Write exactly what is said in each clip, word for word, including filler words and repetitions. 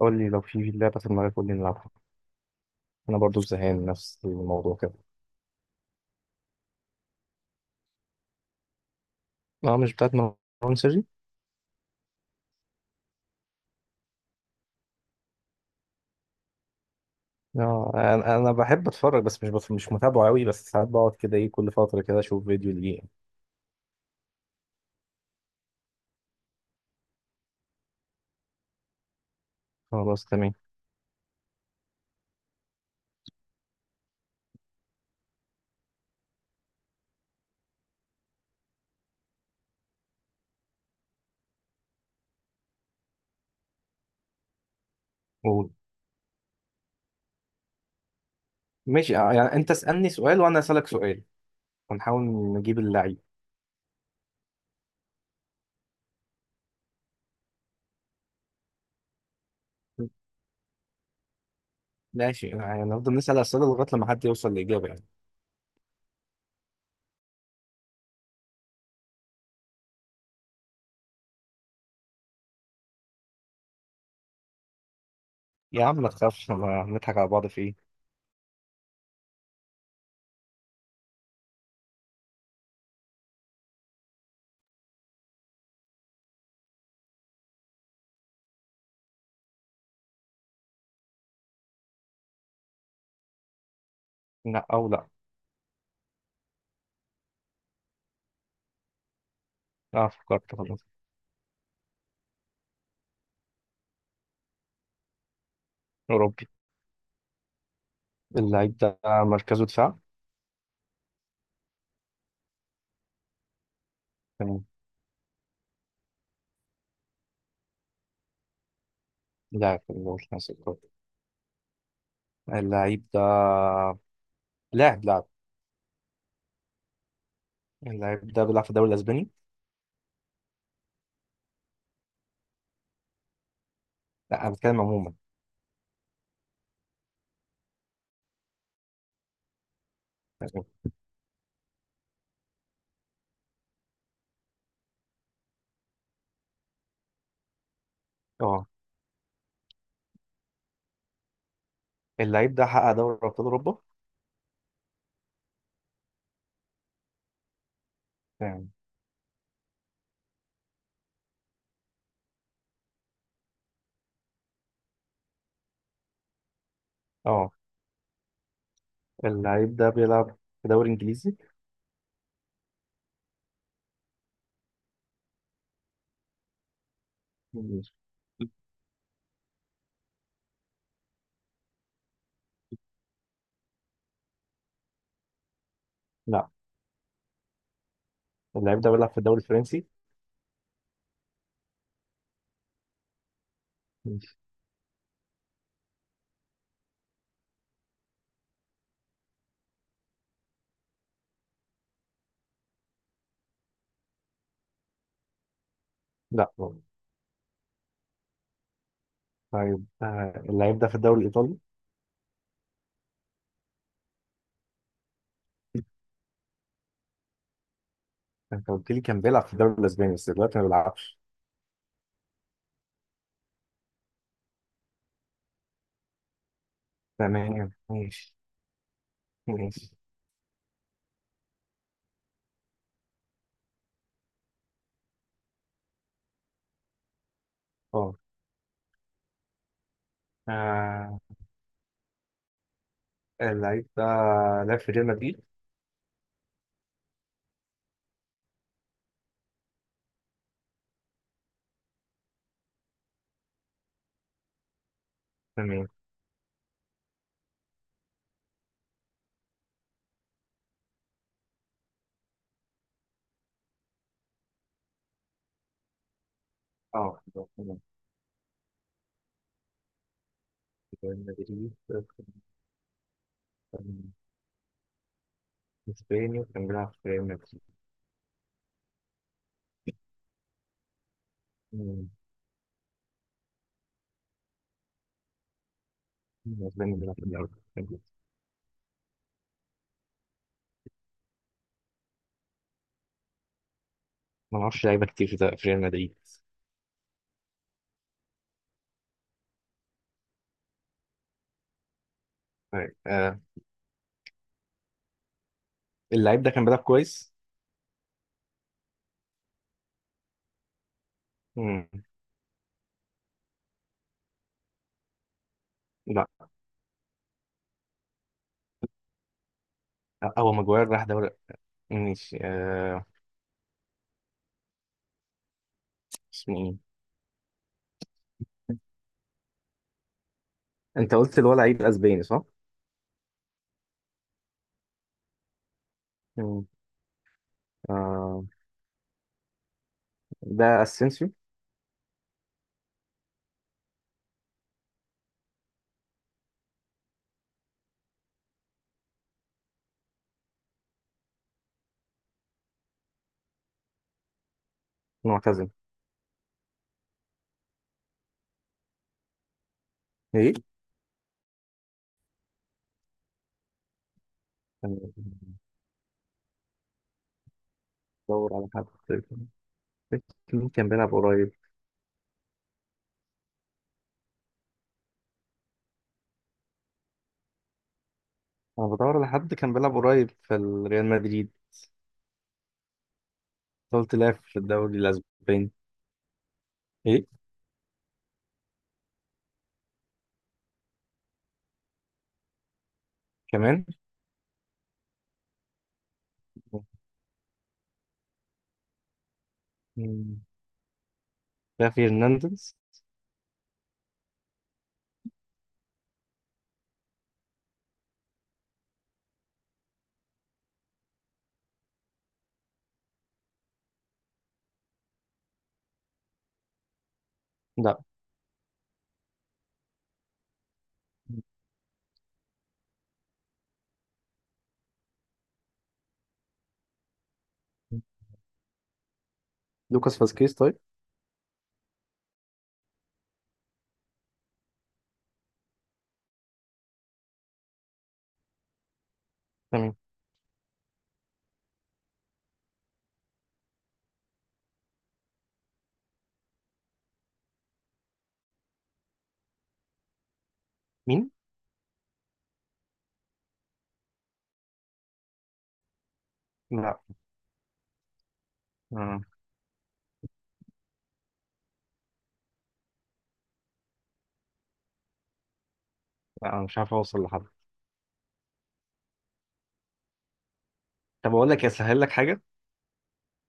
قول لي لو في لعبة في دماغك، قول لي نلعبها. أنا برضو زهقان نفس الموضوع كده. أه، مش بتاعت مروان سري. أه أنا أنا بحب أتفرج بس مش بف... مش متابعه أوي، بس ساعات بقعد كده إيه، كل فترة كده أشوف فيديو ليه. خلاص تمام. قول. ماشي آه، يعني أنت اسألني سؤال وأنا أسألك سؤال ونحاول نجيب اللعيب. ماشي آه، يعني نفضل نسأل أسئلة لغاية لما حد يوصل لإجابة يعني. يا عم ما تخافش، ما نضحك على بعض في إيه. لا أو لا. أه فكرت خلاص. أوروبي. اللعيب ده مركزه دفاع. تمام. لا، في الوسط. اللعيب ده لاعب لاعب. اللعيب ده بيلعب في الدوري الاسباني. لا، انا بتكلم عموما. اه. اللعيب ده حقق دوري ابطال اوروبا يعني. اه. اللعيب ده بيلعب في دوري انجليزي. ماشي. لا. اللعيب ده بيلعب في الدوري الفرنسي. ماشي. لا. طيب آه، اللعيب ده في الدوري الايطالي. انت قلت لي كان بيلعب في الدوري الاسباني بس دلوقتي ما بيلعبش. تمام ماشي. ماشي. اه. آه، اللعيب ده لعب في ريال مدريد. تمام. اه لعب في ريال مدريد. كان اسباني، كان بيلعب في ريال مدريد. مم. اسباني بيلعب في الأول. ما اعرفش لعيبه كتير في ده- في ريال مدريد. طيب آه، اللعيب ده كان بيلعب كويس. مم. لا. هو ماجواير راح دوري. ماشي آه، اسمه ايه؟ انت قلت اللي هو لعيب اسباني، صح؟ مم. آه، ده اسينسيو. معتزل. ايه؟ كان بدور على حد. مين كان بيلعب قريب؟ انا بدور على حد كان بيلعب قريب في ريال مدريد. قلت لاعب في الدوري الاسباني. ايه كمان؟ مين؟ ده فيرنانديز. لا. مم. لوكاس فاسكيز طيب. تمام. مين؟ لا. آه. لا انا مش عارف اوصل لحد. طب اقول لك اسهل لك حاجه،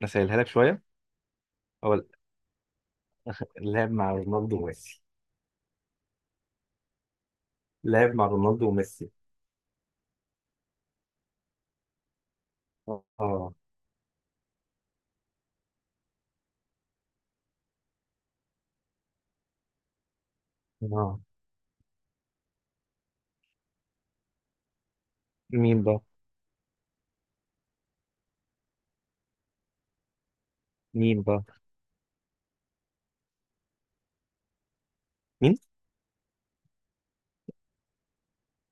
اسهلها لك شويه. هو لعب مع رونالدو وميسي. لعب مع رونالدو وميسي. اه. اه. مين بقى؟ مين بقى؟ مين؟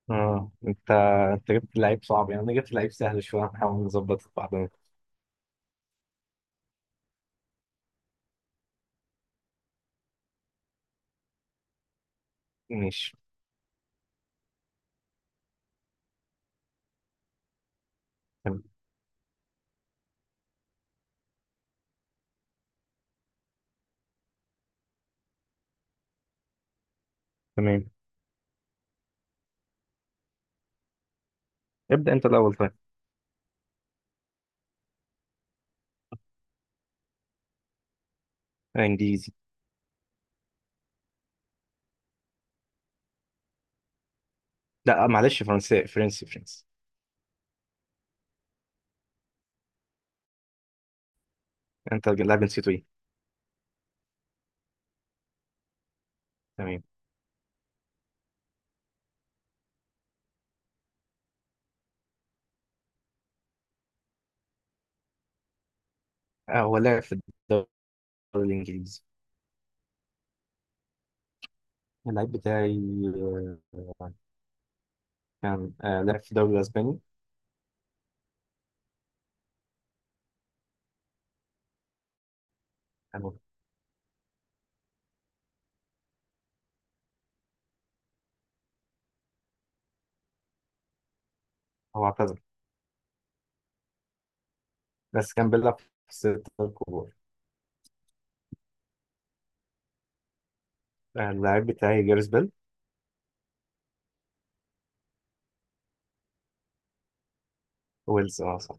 اه انت، انت جبت لعيب صعب، يعني انا جبت لعيب سهل شويه، هنحاول نظبط بعدين. ماشي. تم- تمام. ابدا انت الاول. طيب آه، انجليزي. لا معلش، فرنسي فرنسي فرنسي. انت اللاعب نسيته ايه؟ تمام. آه، هو لعب في الدوري الإنجليزي. اللعيب بتاعي آه، كان آه، لعب في الدوري الأسباني. كان- هو اعتزل بس كان بيلعب في الستة الكبار. آه، اللعيب بتاعي جاريث بيل. ويلز اه صح.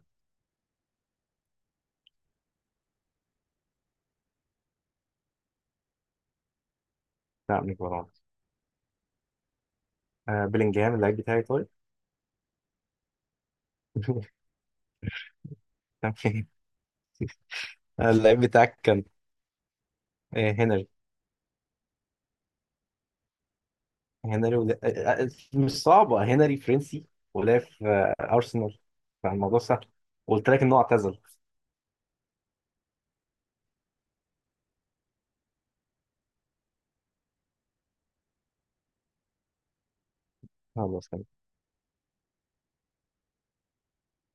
لا مش برونز. آه، بيلينجهام اللعيب بتاعي طيب. تمام. آه، اللعيب بتاعك كان آه، هنري. هنري ولا... آه، آه، مش صعبة، هنري فرنسي ولعب في آه، أرسنال، فالموضوع سهل. قلت لك إن هو اعتزل. خلاص.